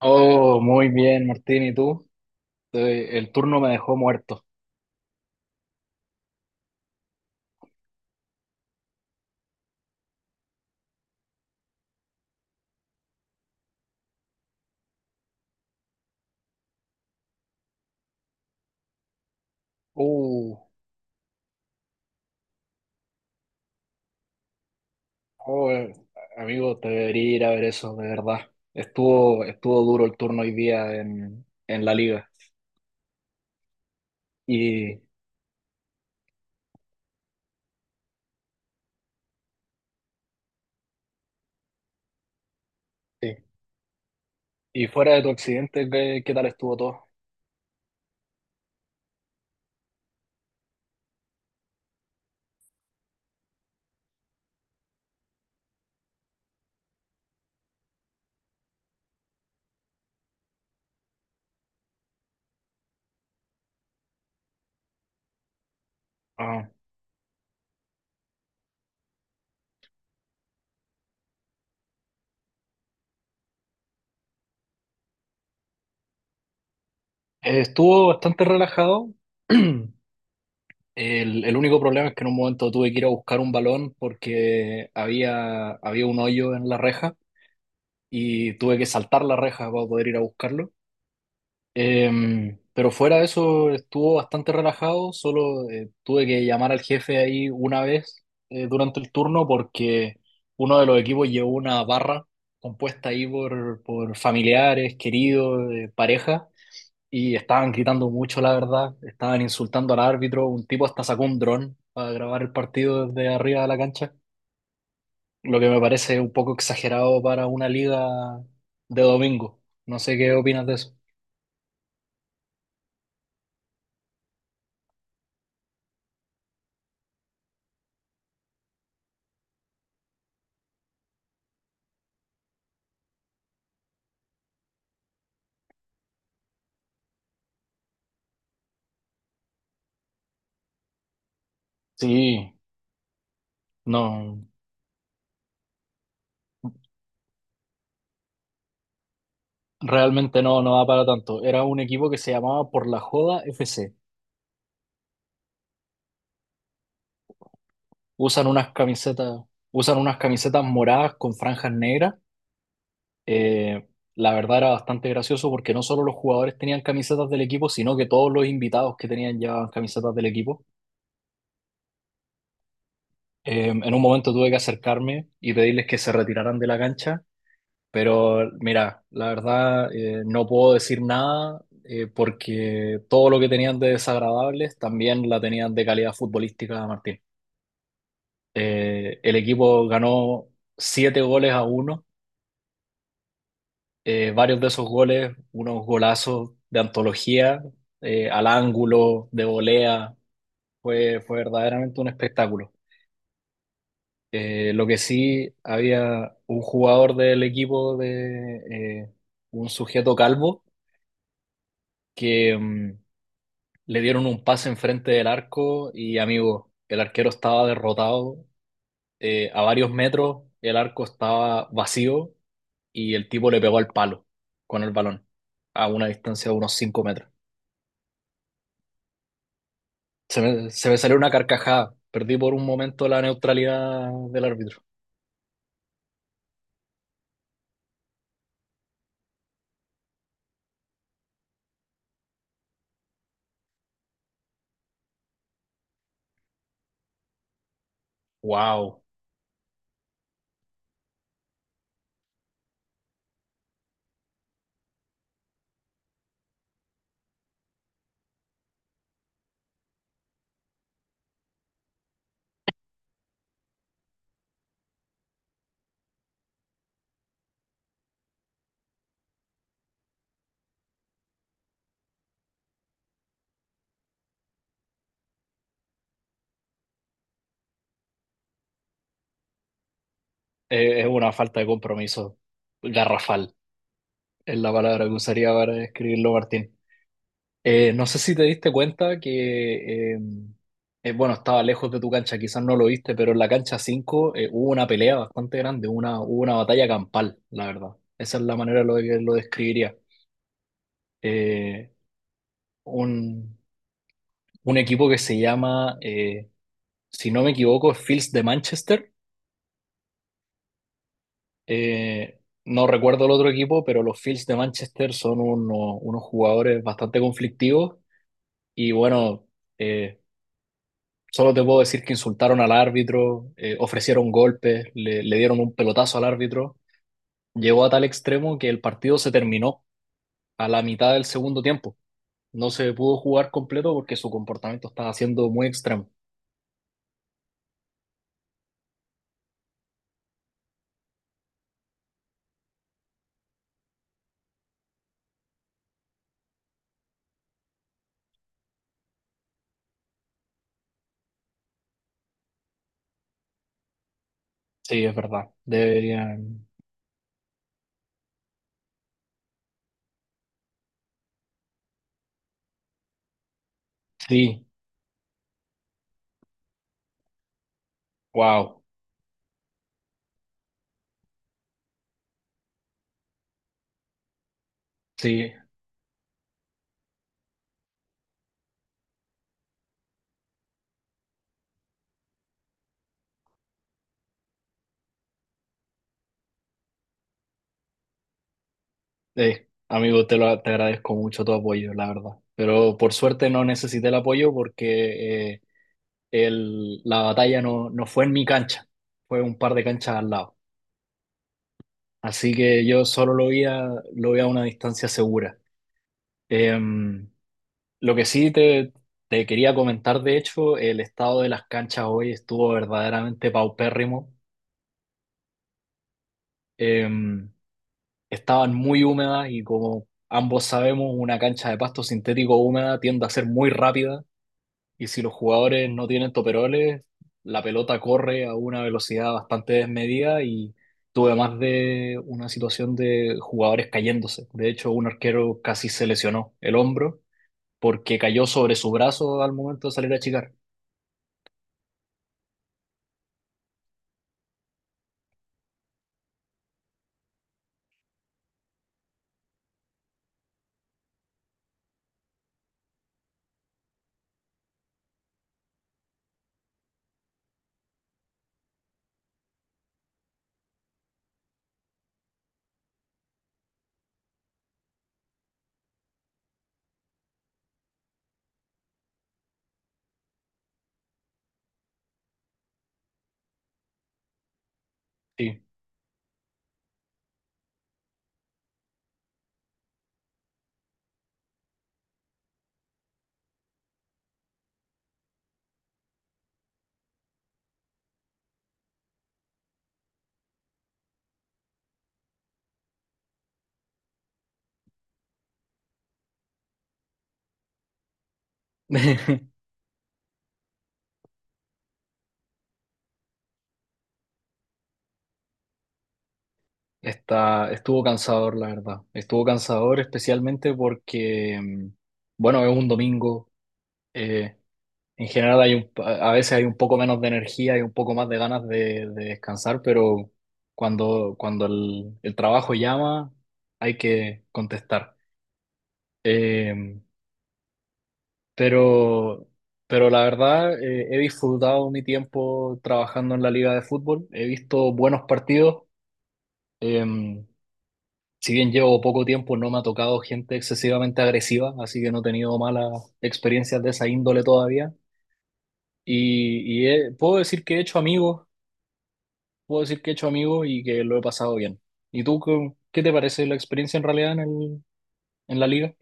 Oh, muy bien, Martín, ¿y tú? El turno me dejó muerto. Uh, oh, amigo, te debería ir a ver eso, de verdad. Estuvo duro el turno hoy día en la liga. Y, Sí. Y fuera de tu accidente, ¿qué tal estuvo todo? Ah, estuvo bastante relajado. El único problema es que en un momento tuve que ir a buscar un balón porque había un hoyo en la reja, y tuve que saltar la reja para poder ir a buscarlo. Pero fuera de eso estuvo bastante relajado. Solo tuve que llamar al jefe ahí una vez durante el turno, porque uno de los equipos llevó una barra compuesta ahí por familiares, queridos, pareja, y estaban gritando mucho, la verdad. Estaban insultando al árbitro. Un tipo hasta sacó un dron para grabar el partido desde arriba de la cancha, lo que me parece un poco exagerado para una liga de domingo. No sé qué opinas de eso. Sí, no. Realmente no, no va para tanto. Era un equipo que se llamaba Por la Joda FC. Usan unas camisetas, usan unas camisetas moradas con franjas negras. Eh, la verdad era bastante gracioso, porque no solo los jugadores tenían camisetas del equipo, sino que todos los invitados que tenían llevaban camisetas del equipo. En un momento tuve que acercarme y pedirles que se retiraran de la cancha, pero mira, la verdad, no puedo decir nada, porque todo lo que tenían de desagradables también la tenían de calidad futbolística, Martín. El equipo ganó siete goles a uno. Varios de esos goles, unos golazos de antología, al ángulo, de volea. Fue verdaderamente un espectáculo. Lo que sí, había un jugador del equipo, de un sujeto calvo, que, le dieron un pase enfrente del arco y, amigo, el arquero estaba derrotado a varios metros, el arco estaba vacío, y el tipo le pegó al palo con el balón a una distancia de unos 5 metros. Se me salió una carcajada. Perdí por un momento la neutralidad del árbitro. ¡Wow! Es una falta de compromiso garrafal, es la palabra que usaría para describirlo, Martín. No sé si te diste cuenta que, bueno, estaba lejos de tu cancha, quizás no lo viste, pero en la cancha 5 hubo una pelea bastante grande, hubo una batalla campal, la verdad. Esa es la manera lo que lo describiría. Eh, un, un equipo que se llama, si no me equivoco, Fields de Manchester. Eh, no recuerdo el otro equipo, pero los Fields de Manchester son unos jugadores bastante conflictivos y bueno. eh, Solo te puedo decir que insultaron al árbitro, ofrecieron golpes, le dieron un pelotazo al árbitro. Llegó a tal extremo que el partido se terminó a la mitad del segundo tiempo. No se pudo jugar completo porque su comportamiento estaba siendo muy extremo. Sí, es verdad. Deberían. Sí, wow. Sí, amigo, te agradezco mucho tu apoyo, la verdad. Pero por suerte no necesité el apoyo, porque la batalla no, no fue en mi cancha, fue un par de canchas al lado. Así que yo solo lo vi a una distancia segura. Eh, lo que sí te quería comentar, de hecho, el estado de las canchas hoy estuvo verdaderamente paupérrimo. Eh, Estaban muy húmedas y, como ambos sabemos, una cancha de pasto sintético húmeda tiende a ser muy rápida. Y si los jugadores no tienen toperoles, la pelota corre a una velocidad bastante desmedida, y tuve más de una situación de jugadores cayéndose. De hecho, un arquero casi se lesionó el hombro porque cayó sobre su brazo al momento de salir a achicar. Sí. Estuvo cansador, la verdad. Estuvo cansador, especialmente porque, bueno, es un domingo. eh, En general a veces hay un poco menos de energía y un poco más de ganas de descansar, pero cuando el trabajo llama, hay que contestar. Eh, pero, pero la verdad, he disfrutado mi tiempo trabajando en la liga de fútbol, he visto buenos partidos. Eh, si bien llevo poco tiempo, no me ha tocado gente excesivamente agresiva, así que no he tenido malas experiencias de esa índole todavía. Y puedo decir que he hecho amigos, puedo decir que he hecho amigos y que lo he pasado bien. ¿Y tú, qué te parece la experiencia en realidad en la liga?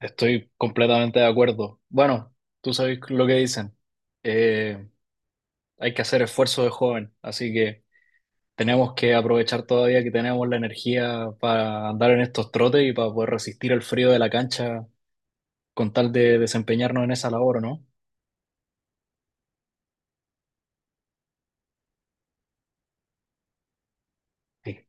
Estoy completamente de acuerdo. Bueno, tú sabes lo que dicen. Eh, Hay que hacer esfuerzo de joven, así que tenemos que aprovechar todavía que tenemos la energía para andar en estos trotes y para poder resistir el frío de la cancha con tal de desempeñarnos en esa labor, ¿o no? Sí.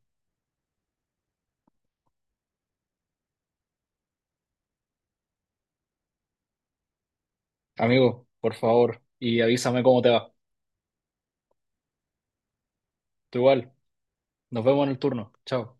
Amigo, por favor, y avísame cómo te va. Tú igual. Nos vemos en el turno. Chao.